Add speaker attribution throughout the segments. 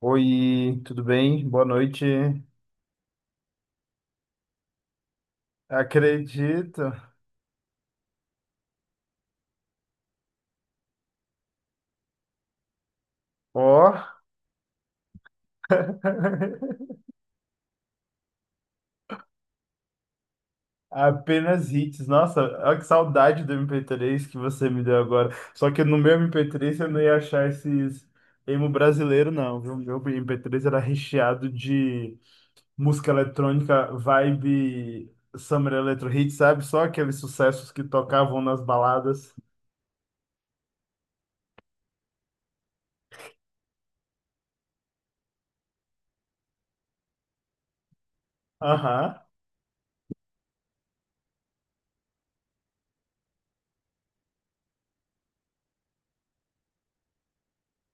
Speaker 1: Oi, tudo bem? Boa noite. Acredito. Ó, apenas hits. Nossa, olha que saudade do MP3 que você me deu agora. Só que no meu MP3 eu não ia achar esses emo brasileiro, não, viu? Meu MP3 era recheado de música eletrônica, vibe Summer Electro Hits, sabe? Só aqueles sucessos que tocavam nas baladas. Aham.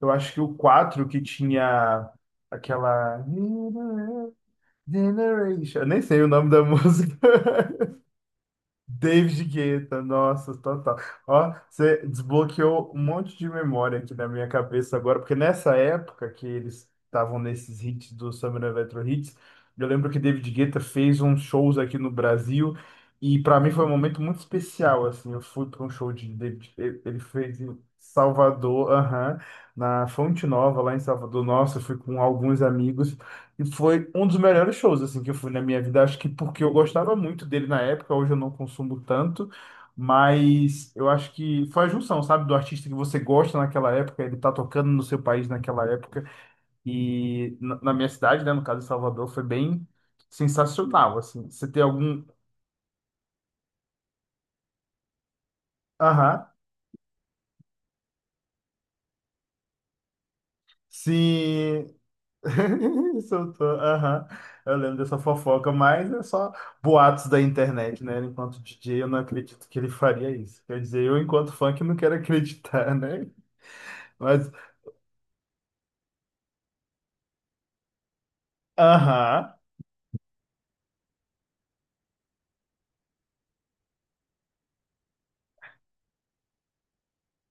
Speaker 1: Eu acho que o 4 que tinha aquela. Generation. Eu nem sei o nome da música. David Guetta, nossa, total. Ó, você desbloqueou um monte de memória aqui na minha cabeça agora, porque nessa época que eles estavam nesses hits do Summer Electro Hits, eu lembro que David Guetta fez uns shows aqui no Brasil e para mim foi um momento muito especial, assim, eu fui para um show de David, ele fez em Salvador, aham, na Fonte Nova, lá em Salvador. Nossa, eu fui com alguns amigos. E foi um dos melhores shows assim que eu fui na minha vida. Acho que porque eu gostava muito dele na época, hoje eu não consumo tanto, mas eu acho que foi a junção, sabe, do artista que você gosta naquela época, ele tá tocando no seu país naquela época e na minha cidade, né, no caso de Salvador, foi bem sensacional assim. Você tem algum. Aham. Sim, Soltou, aham. Eu lembro dessa fofoca, mas é só boatos da internet, né? Enquanto DJ, eu não acredito que ele faria isso. Quer dizer, eu, enquanto funk, não quero acreditar, né? Mas, aham,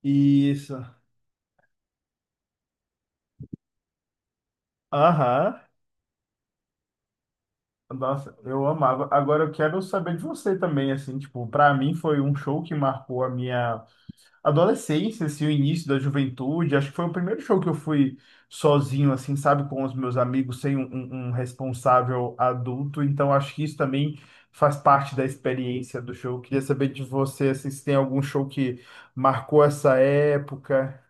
Speaker 1: isso, aham. Nossa, eu amava. Agora eu quero saber de você também, assim, tipo, pra mim foi um show que marcou a minha adolescência, assim, o início da juventude. Acho que foi o primeiro show que eu fui sozinho, assim, sabe, com os meus amigos, sem um responsável adulto. Então, acho que isso também faz parte da experiência do show. Queria saber de você, assim, se tem algum show que marcou essa época.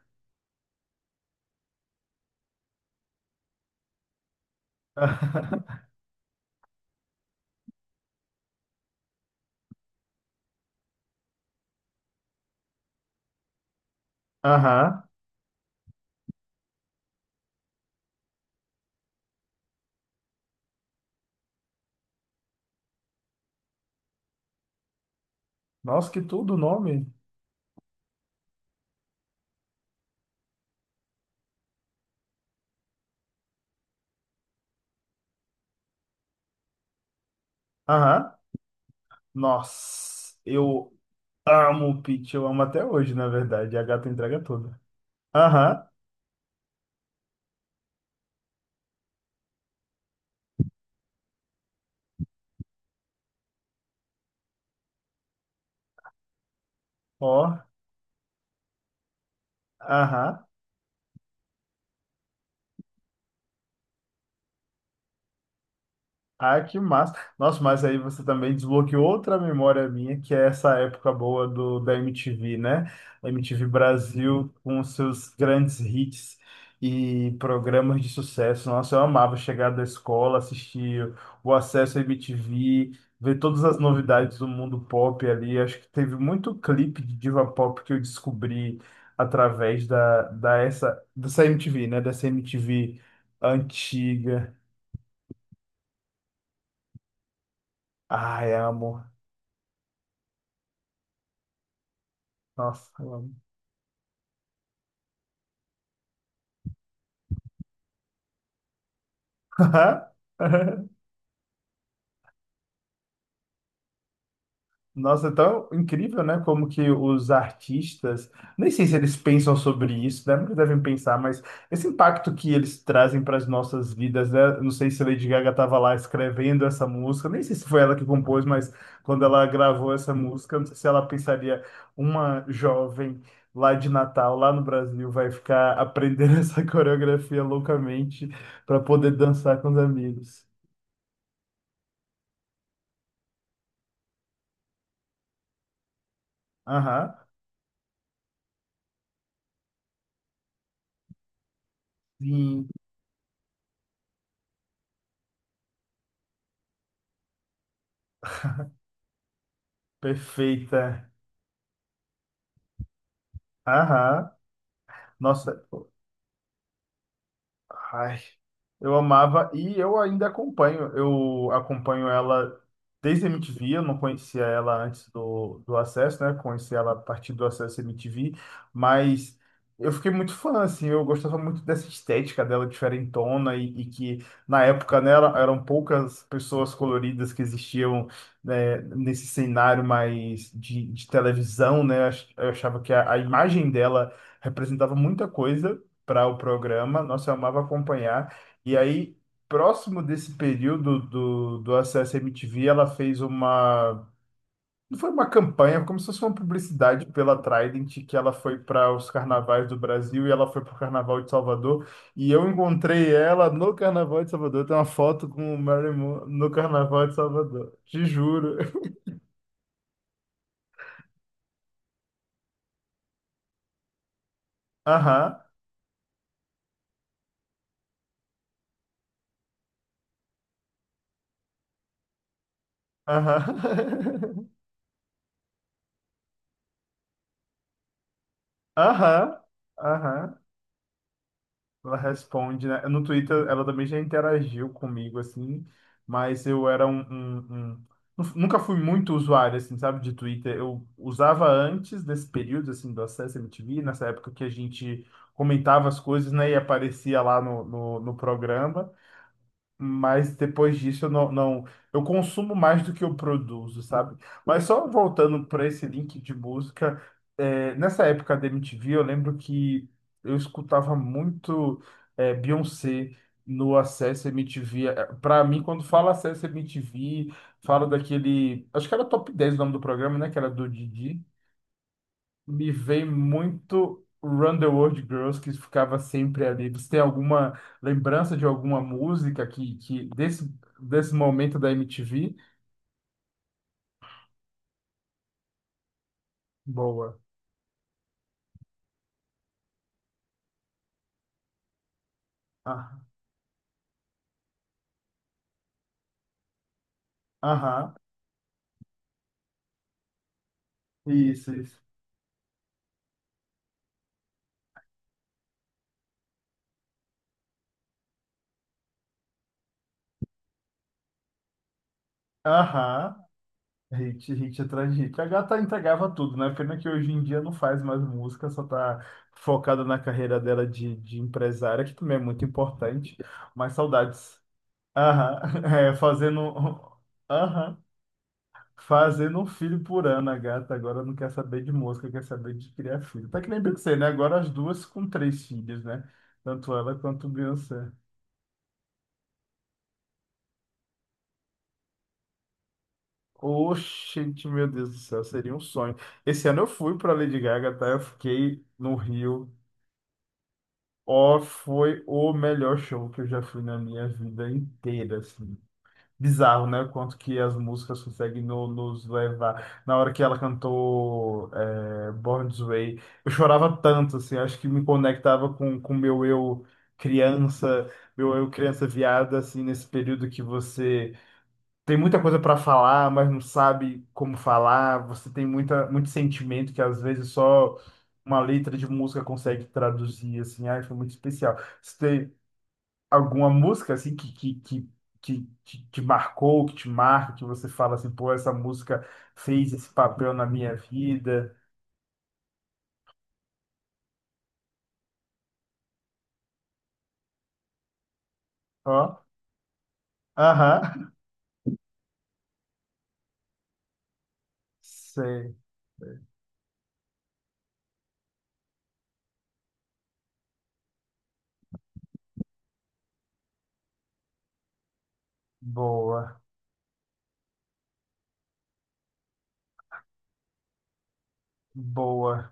Speaker 1: Aham. Nossa, que tudo o nome. Aham. Nossa, eu amo o Pitch, eu amo até hoje, na verdade. A gata entrega tudo. Aham. Ó. Aham. Ah, que massa. Nossa, mas aí você também desbloqueou outra memória minha, que é essa época boa da MTV, né? A MTV Brasil com os seus grandes hits e programas de sucesso. Nossa, eu amava chegar da escola, assistir o acesso à MTV, ver todas as novidades do mundo pop ali. Acho que teve muito clipe de diva pop que eu descobri através dessa MTV, né? Dessa MTV antiga. Ai, amo. Nossa, eu amo. Nossa, é tão incrível, né? Como que os artistas, nem sei se eles pensam sobre isso, né? Nunca devem pensar, mas esse impacto que eles trazem para as nossas vidas, né? Não sei se Lady Gaga estava lá escrevendo essa música, nem sei se foi ela que compôs, mas quando ela gravou essa música, não sei se ela pensaria, uma jovem lá de Natal, lá no Brasil, vai ficar aprendendo essa coreografia loucamente para poder dançar com os amigos. Aham. Sim. Perfeita. Aham. Nossa, ai, eu amava e eu ainda acompanho. Eu acompanho ela desde a MTV. Eu não conhecia ela antes do Acesso, né? Conheci ela a partir do Acesso MTV, mas eu fiquei muito fã, assim. Eu gostava muito dessa estética dela diferentona e que na época, né, eram poucas pessoas coloridas que existiam, né, nesse cenário mais de televisão, né? Eu achava que a imagem dela representava muita coisa para o programa, nossa, eu amava acompanhar. E aí, próximo desse período do Acesso MTV, ela fez uma. Não foi uma campanha, como se fosse uma publicidade pela Trident, que ela foi para os carnavais do Brasil e ela foi para o Carnaval de Salvador. E eu encontrei ela no Carnaval de Salvador. Tem uma foto com o Marilyn Monroe no Carnaval de Salvador. Te juro. Aham, aham. Aham, aham. Ela responde, né? No Twitter ela também já interagiu comigo, assim, mas eu era um, um- um- nu- Nunca fui muito usuário, assim, sabe, de Twitter. Eu usava antes desse período, assim, do acesso à MTV, nessa época que a gente comentava as coisas, né, e aparecia lá no programa. Mas depois disso eu não, não- eu consumo mais do que eu produzo, sabe? Mas só voltando para esse link de música, nessa época da MTV, eu lembro que eu escutava muito Beyoncé no Acesso MTV. Para mim, quando fala Acesso MTV, fala daquele. Acho que era Top 10 o nome do programa, né? Que era do Didi. Me vem muito Run the World Girls, que ficava sempre ali. Você tem alguma lembrança de alguma música que desse, desse momento da MTV? Boa. Ah, aham, isso, isso. Aham, hit, hit atrás de hit. A gata entregava tudo, né? Pena que hoje em dia não faz mais música, só tá focada na carreira dela de empresária, que também é muito importante. Mas saudades. Aham, fazendo. Aham, fazendo um filho por ano, a gata agora não quer saber de mosca, quer saber de criar filho. Tá que nem você, né? Agora as duas com três filhos, né? Tanto ela quanto o Beyoncé. Oxente, meu Deus do céu, seria um sonho. Esse ano eu fui pra Lady Gaga, tá? Eu fiquei no Rio. Ó, foi o melhor show que eu já fui na minha vida inteira, assim. Bizarro, né? O quanto que as músicas conseguem nos levar. Na hora que ela cantou Born This Way, eu chorava tanto, assim, acho que me conectava com o meu eu criança viada, assim, nesse período que você tem muita coisa para falar, mas não sabe como falar, você tem muita, muito sentimento que às vezes só uma letra de música consegue traduzir, assim, ai, foi muito especial alguma música assim que, te marcou, que te marca, que você fala assim, pô, essa música fez esse papel na minha vida. Ó, aham. Sei. Boa, boa.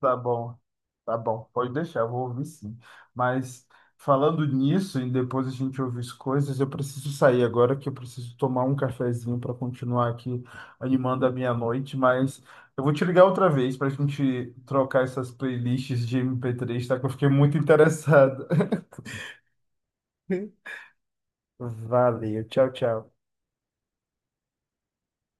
Speaker 1: Tá bom, tá bom, pode deixar, eu vou ouvir sim. Mas falando nisso, e depois a gente ouvir as coisas, eu preciso sair agora que eu preciso tomar um cafezinho para continuar aqui animando a minha noite, mas eu vou te ligar outra vez para a gente trocar essas playlists de MP3 tá? Que eu fiquei muito interessado. Valeu, tchau, tchau.